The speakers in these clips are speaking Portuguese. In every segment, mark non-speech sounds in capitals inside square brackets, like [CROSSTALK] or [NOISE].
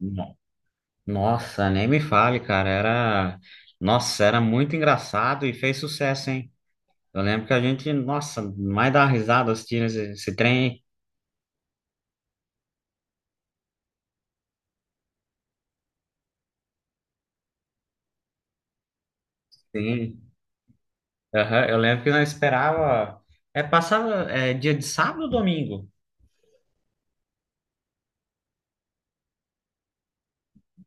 No- Nossa, nem me fale, cara. Era, nossa, era muito engraçado e fez sucesso, hein? Eu lembro que a gente, nossa, mais dá risada assistindo esse trem. Sim. Aham, eu lembro que nós esperava, é, passava, é, dia de sábado ou domingo?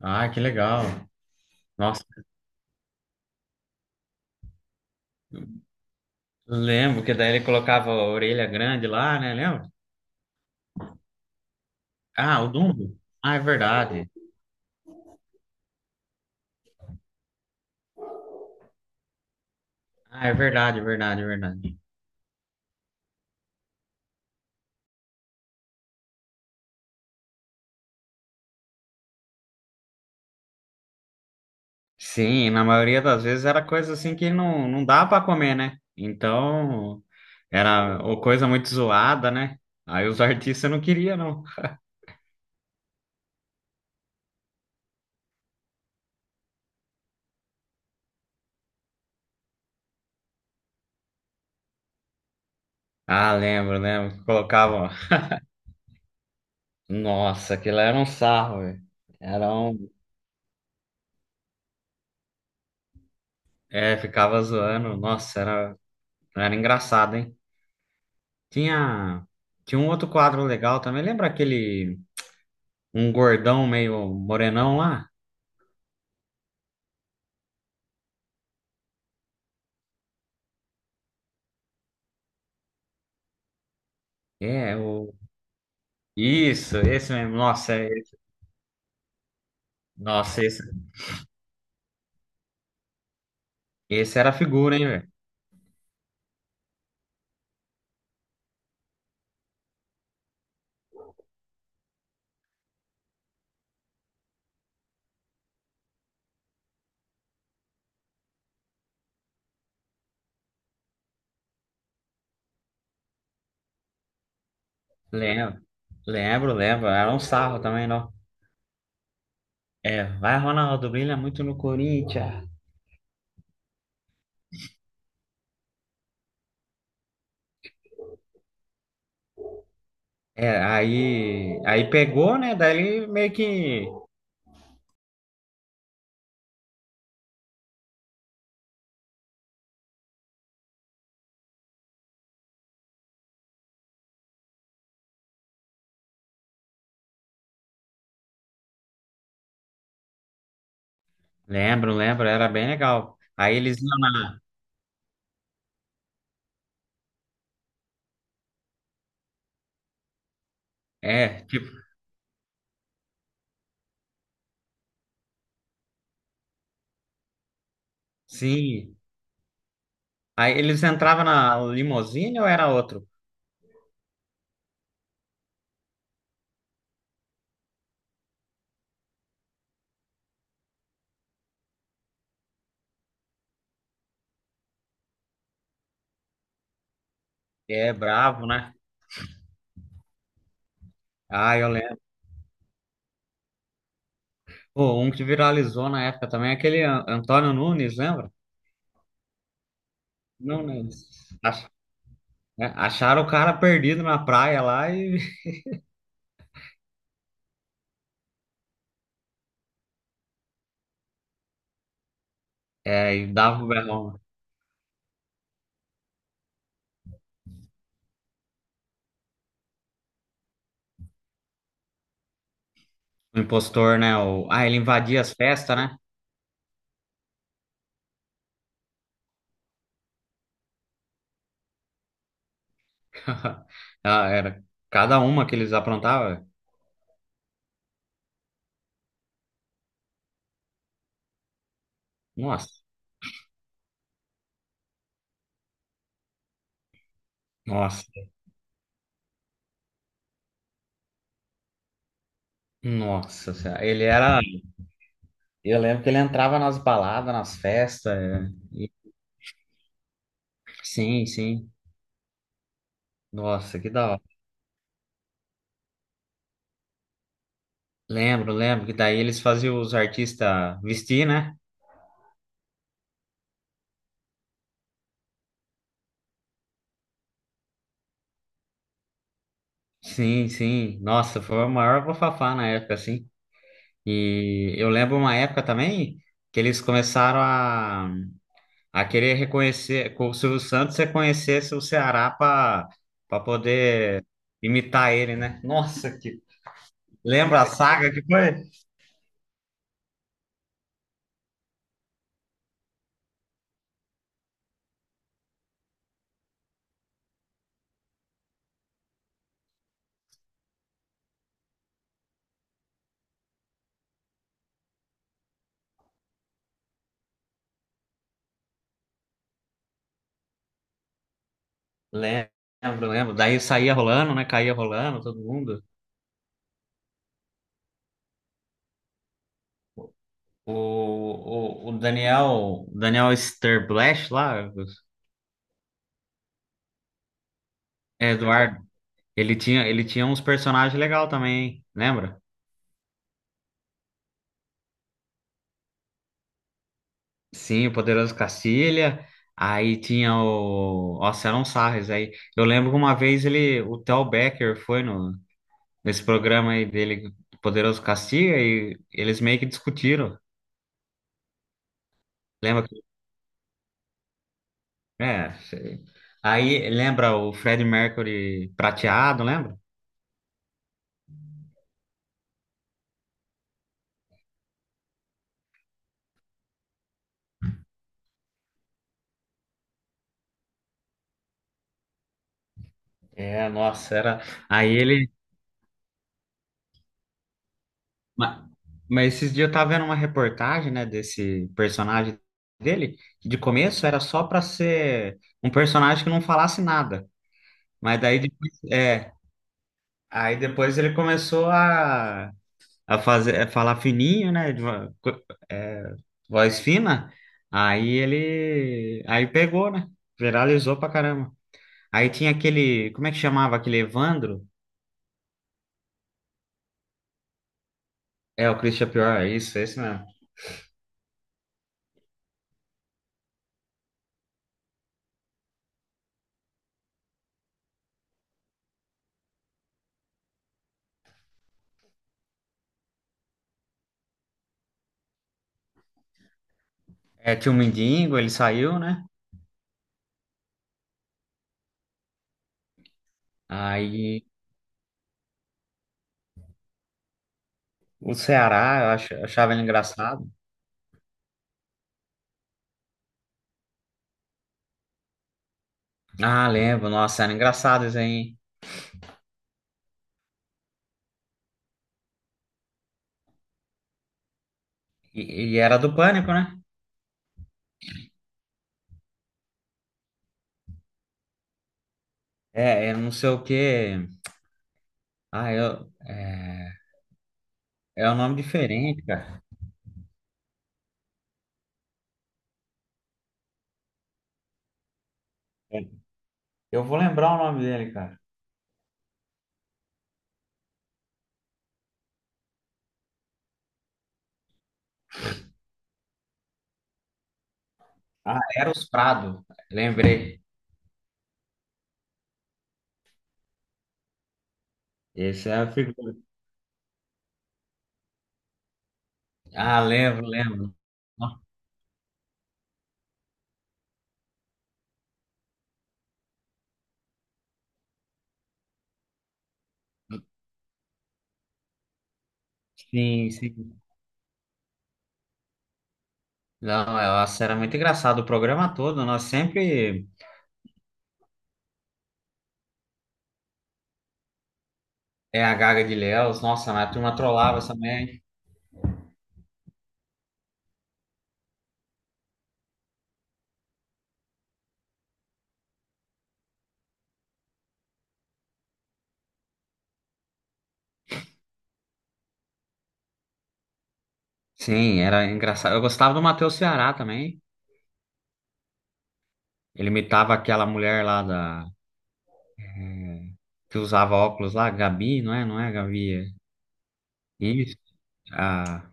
Ah, que legal. Nossa, lembro que daí ele colocava a orelha grande lá, né? Lembra? Ah, o Dumbo. Ah, é verdade. Ah, é verdade, é verdade, é verdade. Sim, na maioria das vezes era coisa assim que não, não dá para comer, né? Então, era ou coisa muito zoada, né? Aí os [LAUGHS] artistas não queriam, não. Ah, lembro, lembro. Que colocavam. Nossa, aquilo era um sarro, velho. Era um. É, ficava zoando. Nossa, era, era engraçado, hein? Tinha. Tinha um outro quadro legal também. Lembra aquele. Um gordão meio morenão lá? É, o. Isso, esse mesmo. Nossa, esse era a figura, hein, velho? Lembro, lembro, lembro. Era um sarro também, não. É, vai, Ronaldo, brilha muito no Corinthians. É, aí pegou, né? Daí ele meio que. Lembro, lembro, era bem legal. Aí eles iam na. É, tipo, sim. Aí eles entravam na limusine ou era outro? É, bravo, né? Ah, eu lembro. Pô, um que viralizou na época também, aquele Antônio Nunes, lembra? Nunes. Ach- Acharam o cara perdido na praia lá e. [LAUGHS] É, e dava o berrão. O impostor, né? O... Ah, ele invadia as festas, né? [LAUGHS] Ah, era cada uma que eles aprontavam. Nossa, nossa, nossa senhora. Ele era. Eu lembro que ele entrava nas baladas, nas festas. Sim, sim. Nossa, que da hora. Lembro, lembro que daí eles faziam os artistas vestir, né? Sim, sim. Nossa, foi o maior bafafá na época, assim. E eu lembro uma época também que eles começaram a querer reconhecer, com o Silvio Santos reconhecesse o Ceará para para poder imitar ele, né? Nossa, que lembra a saga que foi? Lembro, lembro. Daí saía rolando, né? Caía rolando todo mundo. O, o Daniel, Daniel Sterblash lá, é, Eduardo, ele tinha uns personagens legais também, hein? Lembra? Sim, o Poderoso Cacilha. Aí tinha o. Nossa, eram sarres aí. Eu lembro que uma vez ele, o Tel Becker foi no, nesse programa aí dele, Poderoso Castiga, e eles meio que discutiram. Lembra que. É, sei. Aí lembra o Fred Mercury prateado, lembra? É, nossa, era. Aí ele. ma- Mas esses dias eu tava vendo uma reportagem, né, desse personagem dele, que de começo era só pra ser um personagem que não falasse nada. Mas daí depois, é, aí depois ele começou a fazer, a falar fininho, né? de vo- co- é, Voz fina. Aí ele, aí pegou, né? Viralizou pra caramba. Aí tinha aquele, como é que chamava aquele Evandro? É, o Christian Pior, é isso mesmo. É, tinha o Mindingo, ele saiu, né? Aí o Ceará, eu achava ele engraçado. Ah, lembro, nossa, era engraçado isso aí, hein? E era do Pânico, né? É, eu não sei o quê. Ah, eu, é, É um nome diferente, cara. Eu vou lembrar o nome dele, cara. Ah, Eros Prado, lembrei. Esse é a figura. Ah, lembro, lembro. Sim, sim. Não, é, nossa, era muito engraçado o programa todo. Nós sempre é a Gaga de Léus. Nossa, mas a turma trollava também. Sim, era engraçado. Eu gostava do Matheus Ceará também. Ele imitava aquela mulher lá da que usava óculos lá, Gabi, não é? Não é, Gabi? É isso. A,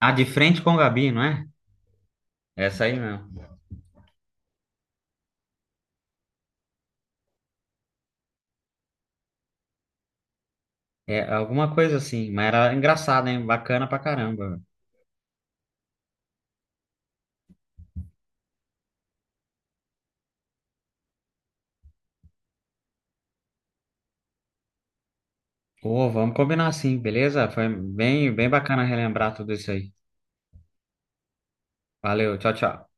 a de frente com Gabi, não é? Essa aí mesmo. É alguma coisa assim, mas era engraçado, hein? Bacana pra caramba. Pô, vamos combinar sim, beleza? Foi bem, bem bacana relembrar tudo isso aí. Valeu, tchau, tchau.